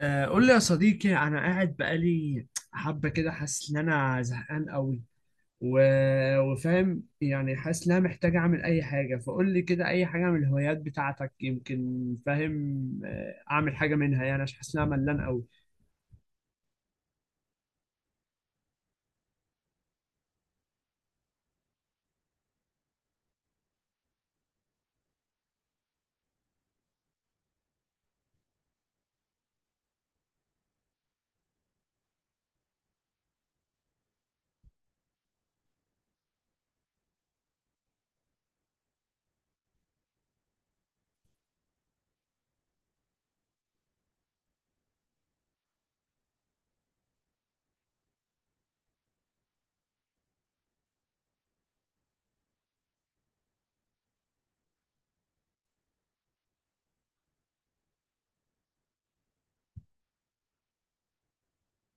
قول لي يا صديقي، انا قاعد بقالي حبه كده حاسس ان انا زهقان قوي و... وفاهم، يعني حاسس ان انا محتاج اعمل اي حاجه. فقول لي كده اي حاجه من الهوايات بتاعتك، يمكن فاهم. اعمل حاجه منها يعني، عشان حاسس ان انا ملان قوي.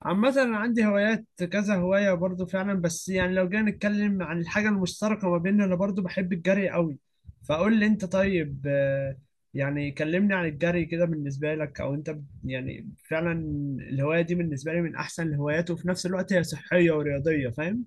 عامة أنا عندي هوايات، كذا هواية برضو فعلا. بس يعني لو جينا نتكلم عن الحاجة المشتركة ما بيننا، أنا برضو بحب الجري قوي. فقول لي أنت طيب. يعني كلمني عن الجري كده بالنسبة لك، أو أنت يعني فعلا الهواية دي بالنسبة لي من أحسن الهوايات، وفي نفس الوقت هي صحية ورياضية، فاهم؟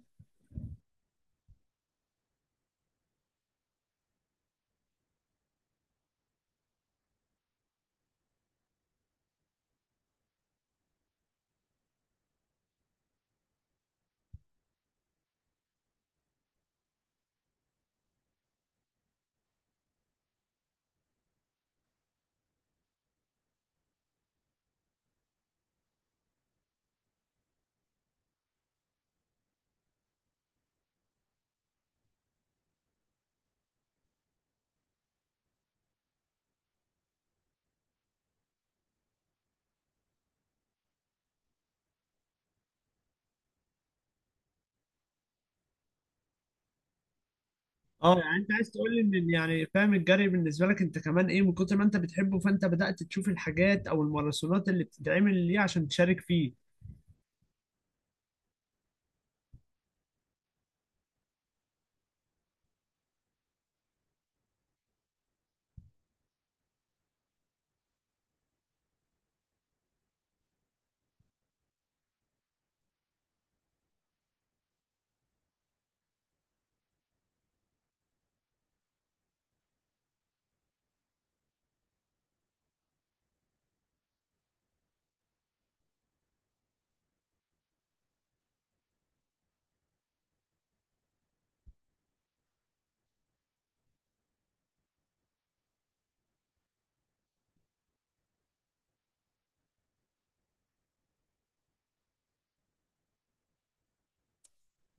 اه يعني أنت عايز تقول لي إن، يعني فاهم، الجري بالنسبة لك أنت كمان إيه من كتر ما أنت بتحبه، فأنت بدأت تشوف الحاجات أو الماراثونات اللي بتتعمل ليه عشان تشارك فيه.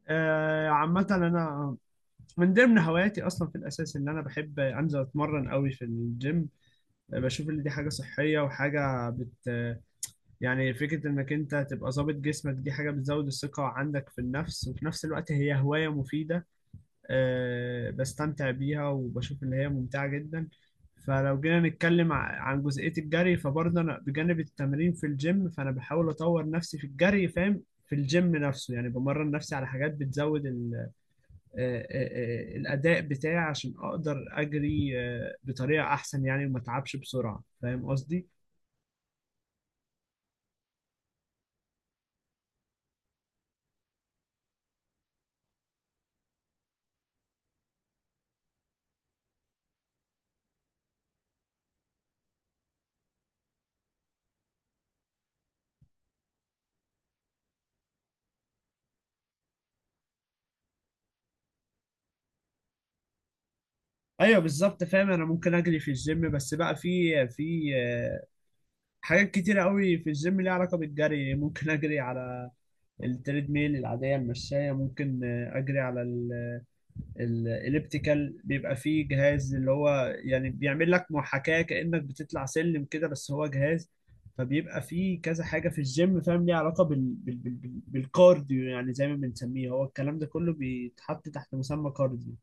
عامة أنا من ضمن هواياتي اصلا في الاساس ان انا بحب انزل اتمرن قوي في الجيم. بشوف ان دي حاجه صحيه وحاجه بت، يعني فكره انك انت تبقى ظابط جسمك دي حاجه بتزود الثقه عندك في النفس، وفي نفس الوقت هي هوايه مفيده. أه بستمتع بيها وبشوف ان هي ممتعه جدا. فلو جينا نتكلم عن جزئيه الجري، فبرضه انا بجانب التمرين في الجيم فانا بحاول اطور نفسي في الجري، فاهم. في الجيم نفسه يعني بمرن نفسي على حاجات بتزود آه، آه، الاداء بتاعي عشان اقدر اجري بطريقه احسن يعني، وما اتعبش بسرعه، فاهم قصدي. ايوه بالظبط فاهم. انا ممكن اجري في الجيم، بس بقى في حاجات كتيره قوي في الجيم ليها علاقه بالجري. ممكن اجري على التريد ميل العاديه المشايه. ممكن اجري على الاليبتيكال، بيبقى فيه جهاز اللي هو يعني بيعمل لك محاكاة كأنك بتطلع سلم كده، بس هو جهاز. فبيبقى فيه كذا حاجة في الجيم، فاهم، ليها علاقة بالكارديو، يعني زي ما بنسميه، هو الكلام ده كله بيتحط تحت مسمى كارديو.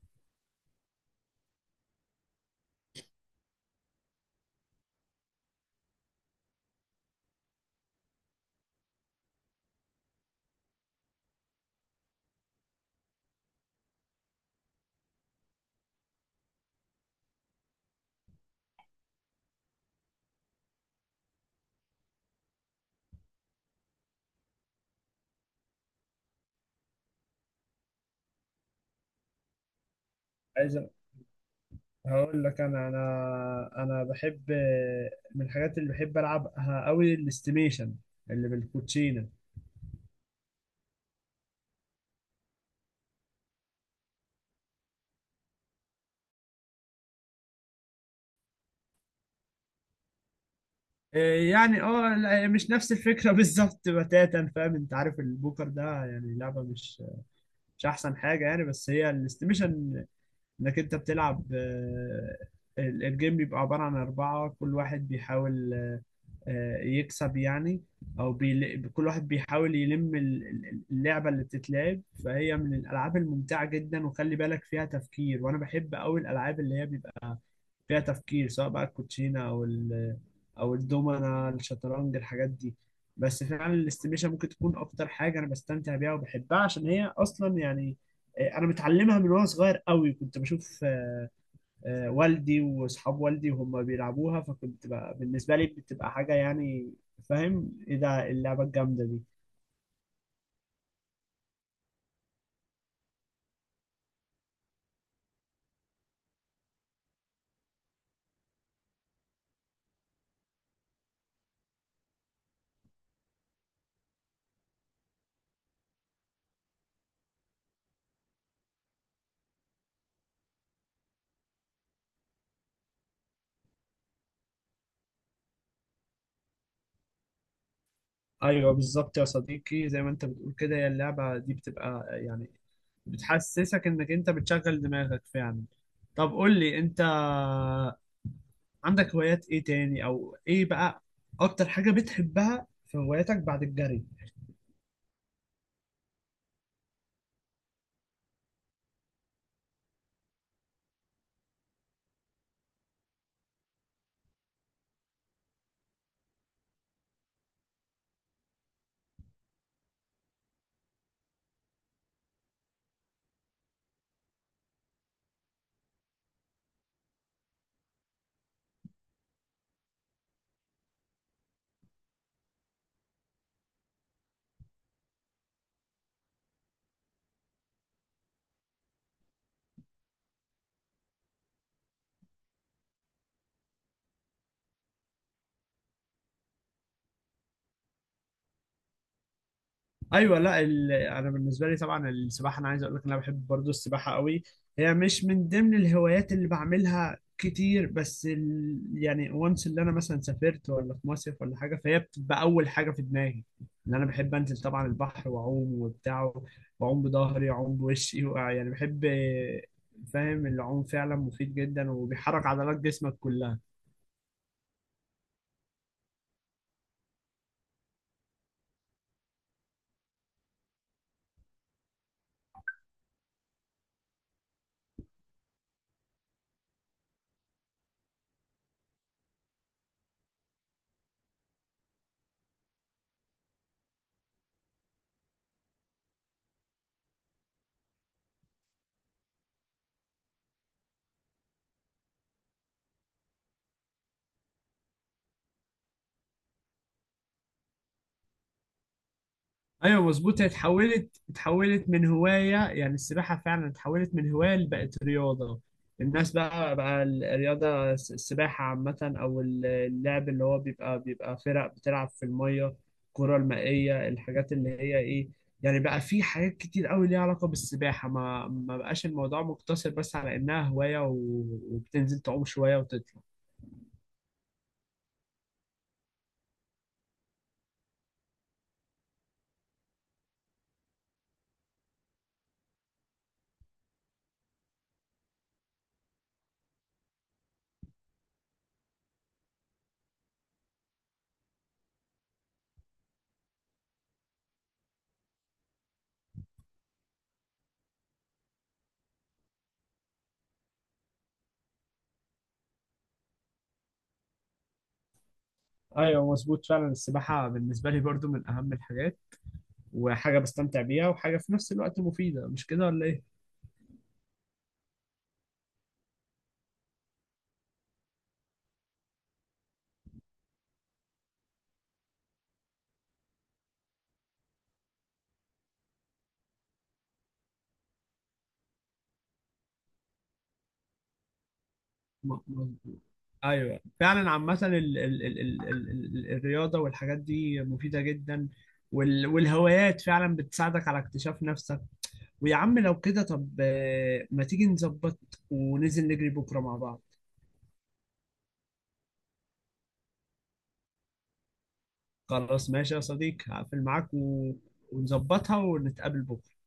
عايز أ- هقول لك، انا انا بحب، من الحاجات اللي بحب العبها قوي الاستيميشن اللي بالكوتشينه. إيه يعني؟ اه لا، مش نفس الفكره بالظبط بتاتا، فاهم؟ انت عارف البوكر ده يعني لعبه مش احسن حاجه يعني. بس هي الاستيميشن، انك انت بتلعب، الجيم بيبقى عباره عن اربعه، كل واحد بيحاول يكسب يعني، او بيل... كل واحد بيحاول يلم اللعبه اللي بتتلعب. فهي من الالعاب الممتعه جدا وخلي بالك فيها تفكير، وانا بحب قوي الالعاب اللي هي بيبقى فيها تفكير، سواء بقى الكوتشينه او الدومنه، الشطرنج، الحاجات دي. بس فعلا الاستيميشن ممكن تكون اكتر حاجه انا بستمتع بيها وبحبها، عشان هي اصلا يعني انا متعلمها من وانا صغير قوي. كنت بشوف والدي واصحاب والدي وهم بيلعبوها، فكنت بقى بالنسبه لي بتبقى حاجه يعني، فاهم، ايه ده اللعبه الجامده دي. ايوه بالظبط يا صديقي، زي ما انت بتقول كده، هي اللعبه دي بتبقى يعني بتحسسك انك انت بتشغل دماغك فعلا. طب قول لي انت، عندك هوايات ايه تاني، او ايه بقى اكتر حاجة بتحبها في هواياتك بعد الجري؟ ايوه لا، انا بالنسبه لي طبعا السباحه، انا عايز اقول لك ان انا بحب برضو السباحه قوي. هي مش من ضمن الهوايات اللي بعملها كتير، بس ال... يعني وانس اللي انا مثلا سافرت ولا في مصيف ولا حاجه، فهي بتبقى اول حاجه في دماغي ان انا بحب انزل طبعا البحر واعوم وبتاع، واعوم بظهري واعوم بوشي يعني بحب، فاهم، العوم فعلا مفيد جدا، وبيحرك عضلات جسمك كلها. ايوه مظبوط، هي اتحولت من هوايه، يعني السباحه فعلا اتحولت من هوايه بقت رياضه. الناس بقى الرياضه السباحه عامه، اللعب اللي هو بيبقى فرق بتلعب في الميه، الكره المائيه، الحاجات اللي هي ايه، يعني بقى في حاجات كتير قوي ليها علاقه بالسباحه. ما بقاش الموضوع مقتصر بس على انها هوايه وبتنزل تعوم شويه وتطلع. ايوه مظبوط فعلا، السباحه بالنسبه لي برضو من اهم الحاجات، وحاجة بستمتع بيها، وحاجة في نفس الوقت مفيدة، مش كده ولا إيه؟ مظبوط. أيوه فعلا، عامة ال ال ال ال ال ال الرياضة والحاجات دي مفيدة جدا، والهوايات فعلا بتساعدك على اكتشاف نفسك. ويا عم، لو كده طب ما تيجي نظبط وننزل نجري بكرة مع بعض. خلاص ماشي يا صديقي، هقفل معاك ونظبطها ونتقابل بكرة.